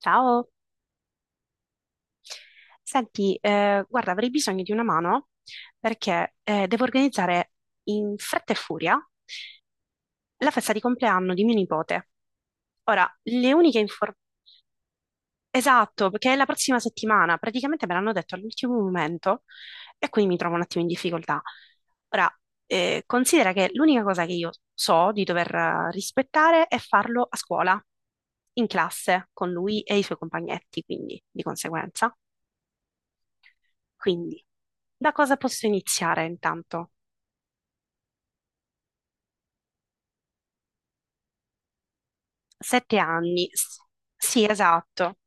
Ciao, senti, guarda, avrei bisogno di una mano perché devo organizzare in fretta e furia la festa di compleanno di mio nipote. Ora, le uniche informazioni... Esatto, perché è la prossima settimana, praticamente me l'hanno detto all'ultimo momento e quindi mi trovo un attimo in difficoltà. Ora, considera che l'unica cosa che io so di dover rispettare è farlo a scuola, in classe, con lui e i suoi compagnetti, quindi di conseguenza. Quindi, da cosa posso iniziare intanto? Sette anni. Sì, esatto.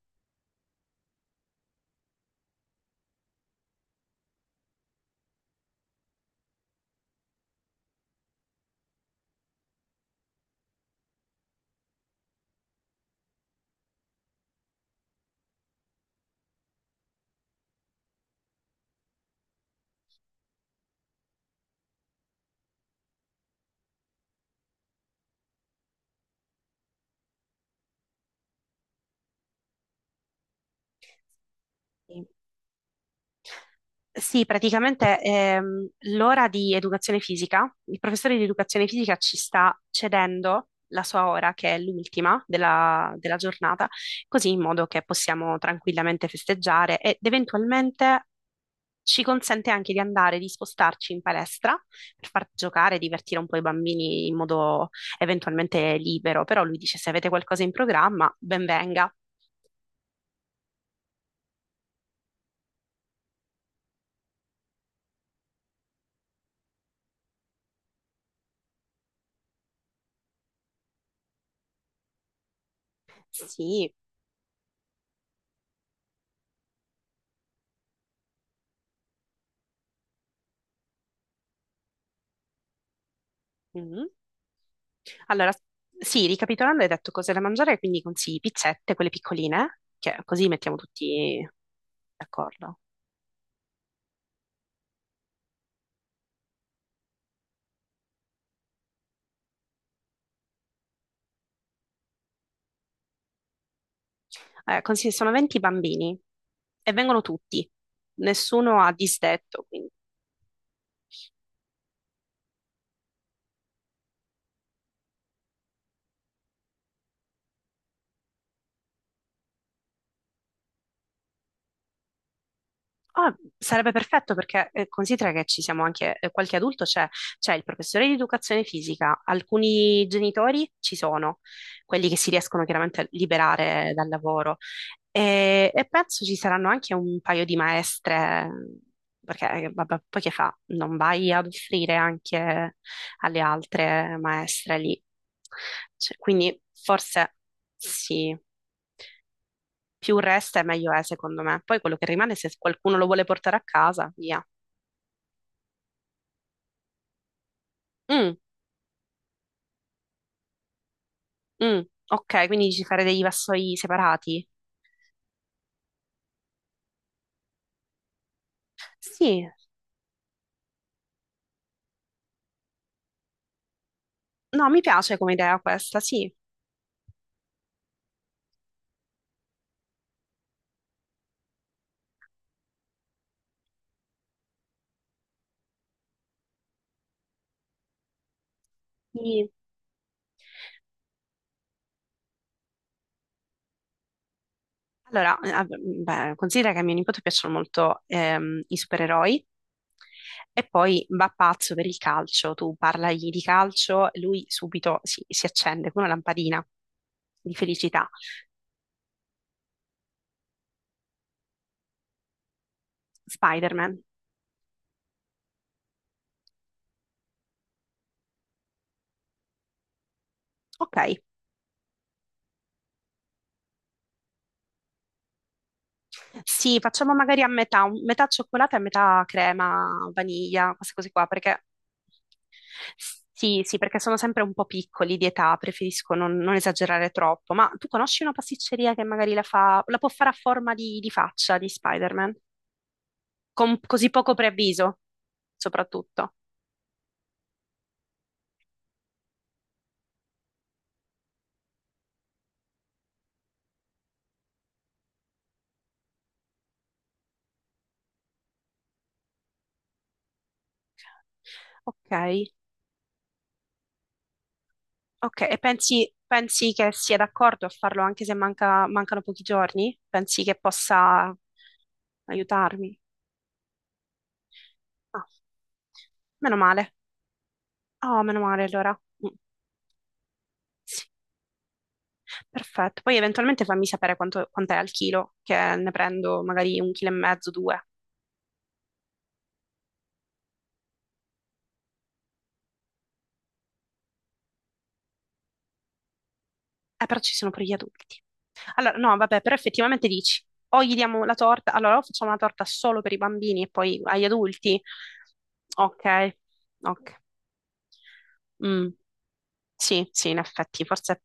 Sì, sì, praticamente l'ora di educazione fisica, il professore di educazione fisica ci sta cedendo la sua ora, che è l'ultima della giornata, così in modo che possiamo tranquillamente festeggiare ed eventualmente ci consente anche di andare, di spostarci in palestra per far giocare, divertire un po' i bambini in modo eventualmente libero, però lui dice se avete qualcosa in programma, ben venga. Sì. Mhm. Allora, sì, ricapitolando, hai detto cose da mangiare, quindi consigli pizzette, quelle piccoline, che così mettiamo tutti d'accordo. Consigli, sono 20 bambini e vengono tutti, nessuno ha disdetto, quindi ah, sarebbe perfetto perché considera che ci siamo anche, qualche adulto c'è, c'è il professore di educazione fisica, alcuni genitori ci sono, quelli che si riescono chiaramente a liberare dal lavoro e penso ci saranno anche un paio di maestre, perché vabbè, poi che fa? Non vai ad offrire anche alle altre maestre lì. Cioè, quindi forse sì, più resta e meglio è, secondo me. Poi quello che rimane, se qualcuno lo vuole portare a casa, via. Mm, mm, ok, quindi dici fare dei vassoi separati? Sì, no, mi piace come idea questa, sì. Sì. Allora, vabbè, beh, considera che a mio nipote piacciono molto i supereroi e poi va pazzo per il calcio. Tu parlagli di calcio, lui subito si accende come una lampadina di felicità. Spider-Man. Ok, sì, facciamo magari a metà, metà cioccolata e metà crema, vaniglia, queste cose qua, perché sì, sì, perché sono sempre un po' piccoli di età, preferisco non esagerare troppo. Ma tu conosci una pasticceria che magari la fa, la può fare a forma di, faccia di Spider-Man? Con così poco preavviso, soprattutto. Ok, ok. E pensi che sia d'accordo a farlo anche se mancano pochi giorni? Pensi che possa aiutarmi? Ah, meno male. Ah, meno male allora. Mm, sì, perfetto. Poi eventualmente fammi sapere quant'è al chilo, che ne prendo magari un chilo e mezzo, due. Però ci sono pure gli adulti. Allora, no, vabbè, però effettivamente dici, o gli diamo la torta, allora o facciamo la torta solo per i bambini e poi agli adulti. Ok, ok. Mm. Sì, sì, in effetti, forse,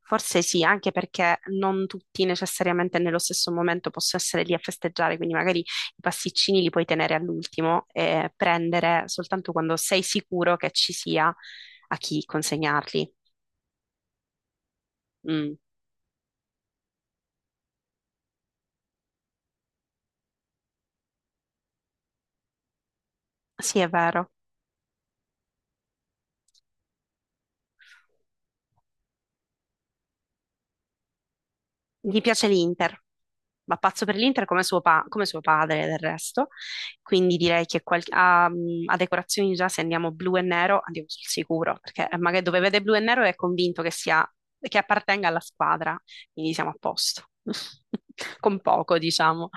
forse sì, anche perché non tutti necessariamente nello stesso momento possono essere lì a festeggiare, quindi magari i pasticcini li puoi tenere all'ultimo e prendere soltanto quando sei sicuro che ci sia a chi consegnarli. Mm, sì, è vero. Gli piace l'Inter, va pazzo per l'Inter come suo padre del resto, quindi direi che a decorazioni già se andiamo blu e nero andiamo sul sicuro, perché magari dove vede blu e nero è convinto che sia, che appartenga alla squadra, quindi siamo a posto, con poco diciamo.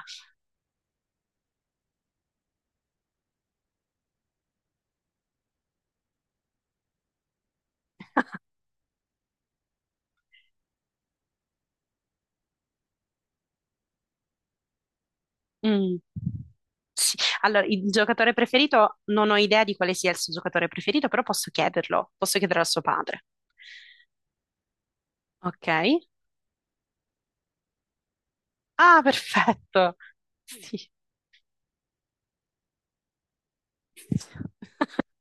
Mm. Sì. Allora, il giocatore preferito, non ho idea di quale sia il suo giocatore preferito, però posso chiederlo a suo padre. Ok? Ah, perfetto. Sì.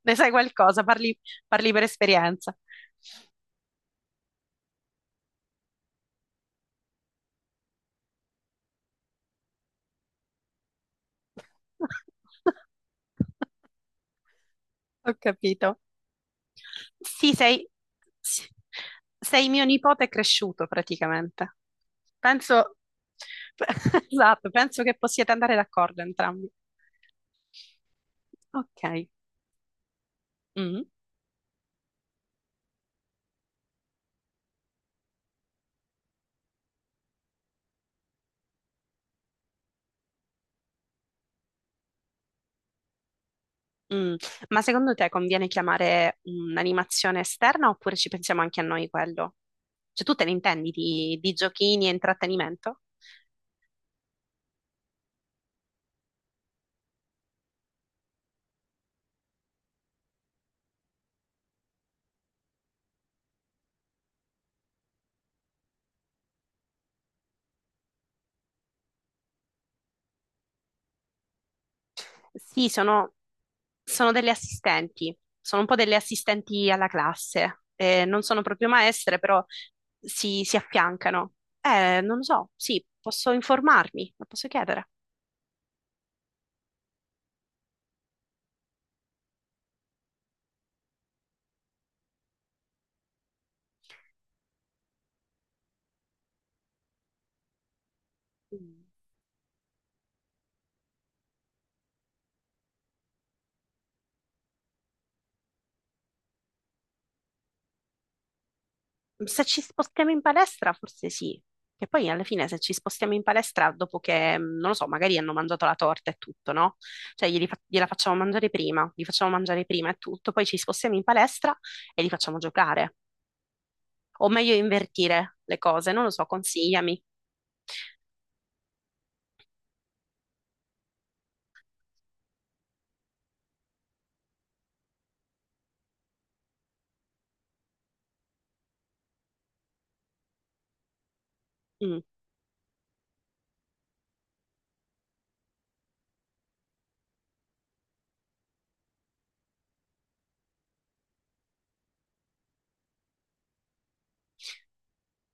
Ne sai qualcosa, parli per esperienza. Ho capito. Sì, sei, sì. Sei mio nipote cresciuto praticamente. Penso, esatto, penso che possiate andare d'accordo entrambi. Ok. Mm, mm. Ma secondo te conviene chiamare un'animazione esterna oppure ci pensiamo anche a noi quello? Cioè, tu te ne intendi di, giochini e intrattenimento? Sì, sono delle assistenti, sono un po' delle assistenti alla classe. Non sono proprio maestre, però si affiancano. Non lo so, sì, posso informarmi, lo posso chiedere. Mm. Se ci spostiamo in palestra, forse sì. Che poi alla fine se ci spostiamo in palestra, dopo che, non lo so, magari hanno mangiato la torta e tutto, no? Cioè gliela facciamo mangiare prima, li facciamo mangiare prima e tutto, poi ci spostiamo in palestra e li facciamo giocare. O meglio invertire le cose, non lo so, consigliami. Mm,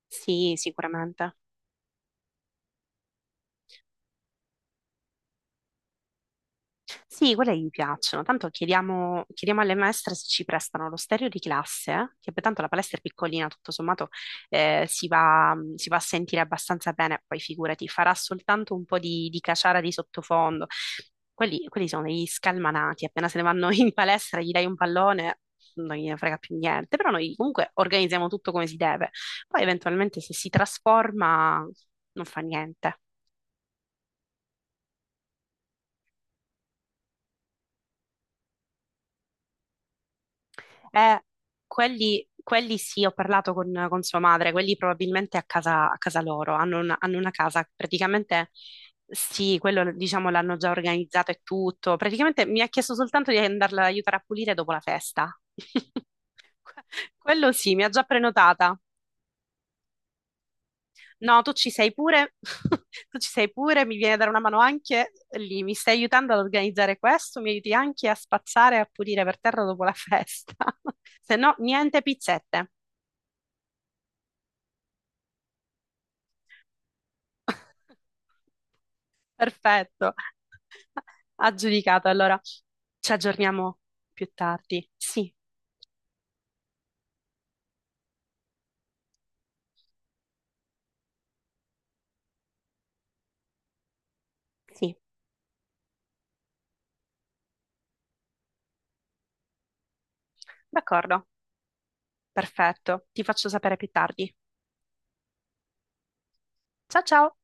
sì, sicuramente. Sì, quelle gli piacciono. Tanto chiediamo alle maestre se ci prestano lo stereo di classe, che poi tanto la palestra è piccolina, tutto sommato si va, si va a sentire abbastanza bene, poi figurati, farà soltanto un po' di caciara di sottofondo. Quelli sono degli scalmanati, appena se ne vanno in palestra gli dai un pallone, non gliene frega più niente, però noi comunque organizziamo tutto come si deve. Poi eventualmente se si trasforma non fa niente. Eh, quelli sì, ho parlato con sua madre, quelli probabilmente a casa loro, hanno una casa, praticamente sì, quello diciamo l'hanno già organizzato e tutto, praticamente mi ha chiesto soltanto di andarla ad aiutare a pulire dopo la festa. Que- Quello sì, mi ha già prenotata. No, tu ci sei pure, tu ci sei pure, mi viene a dare una mano anche lì, mi stai aiutando ad organizzare questo, mi aiuti anche a spazzare e a pulire per terra dopo la festa, se no niente pizzette. Perfetto, aggiudicato. Allora, ci aggiorniamo più tardi. Sì, sì, d'accordo, perfetto. Ti faccio sapere più tardi. Ciao ciao!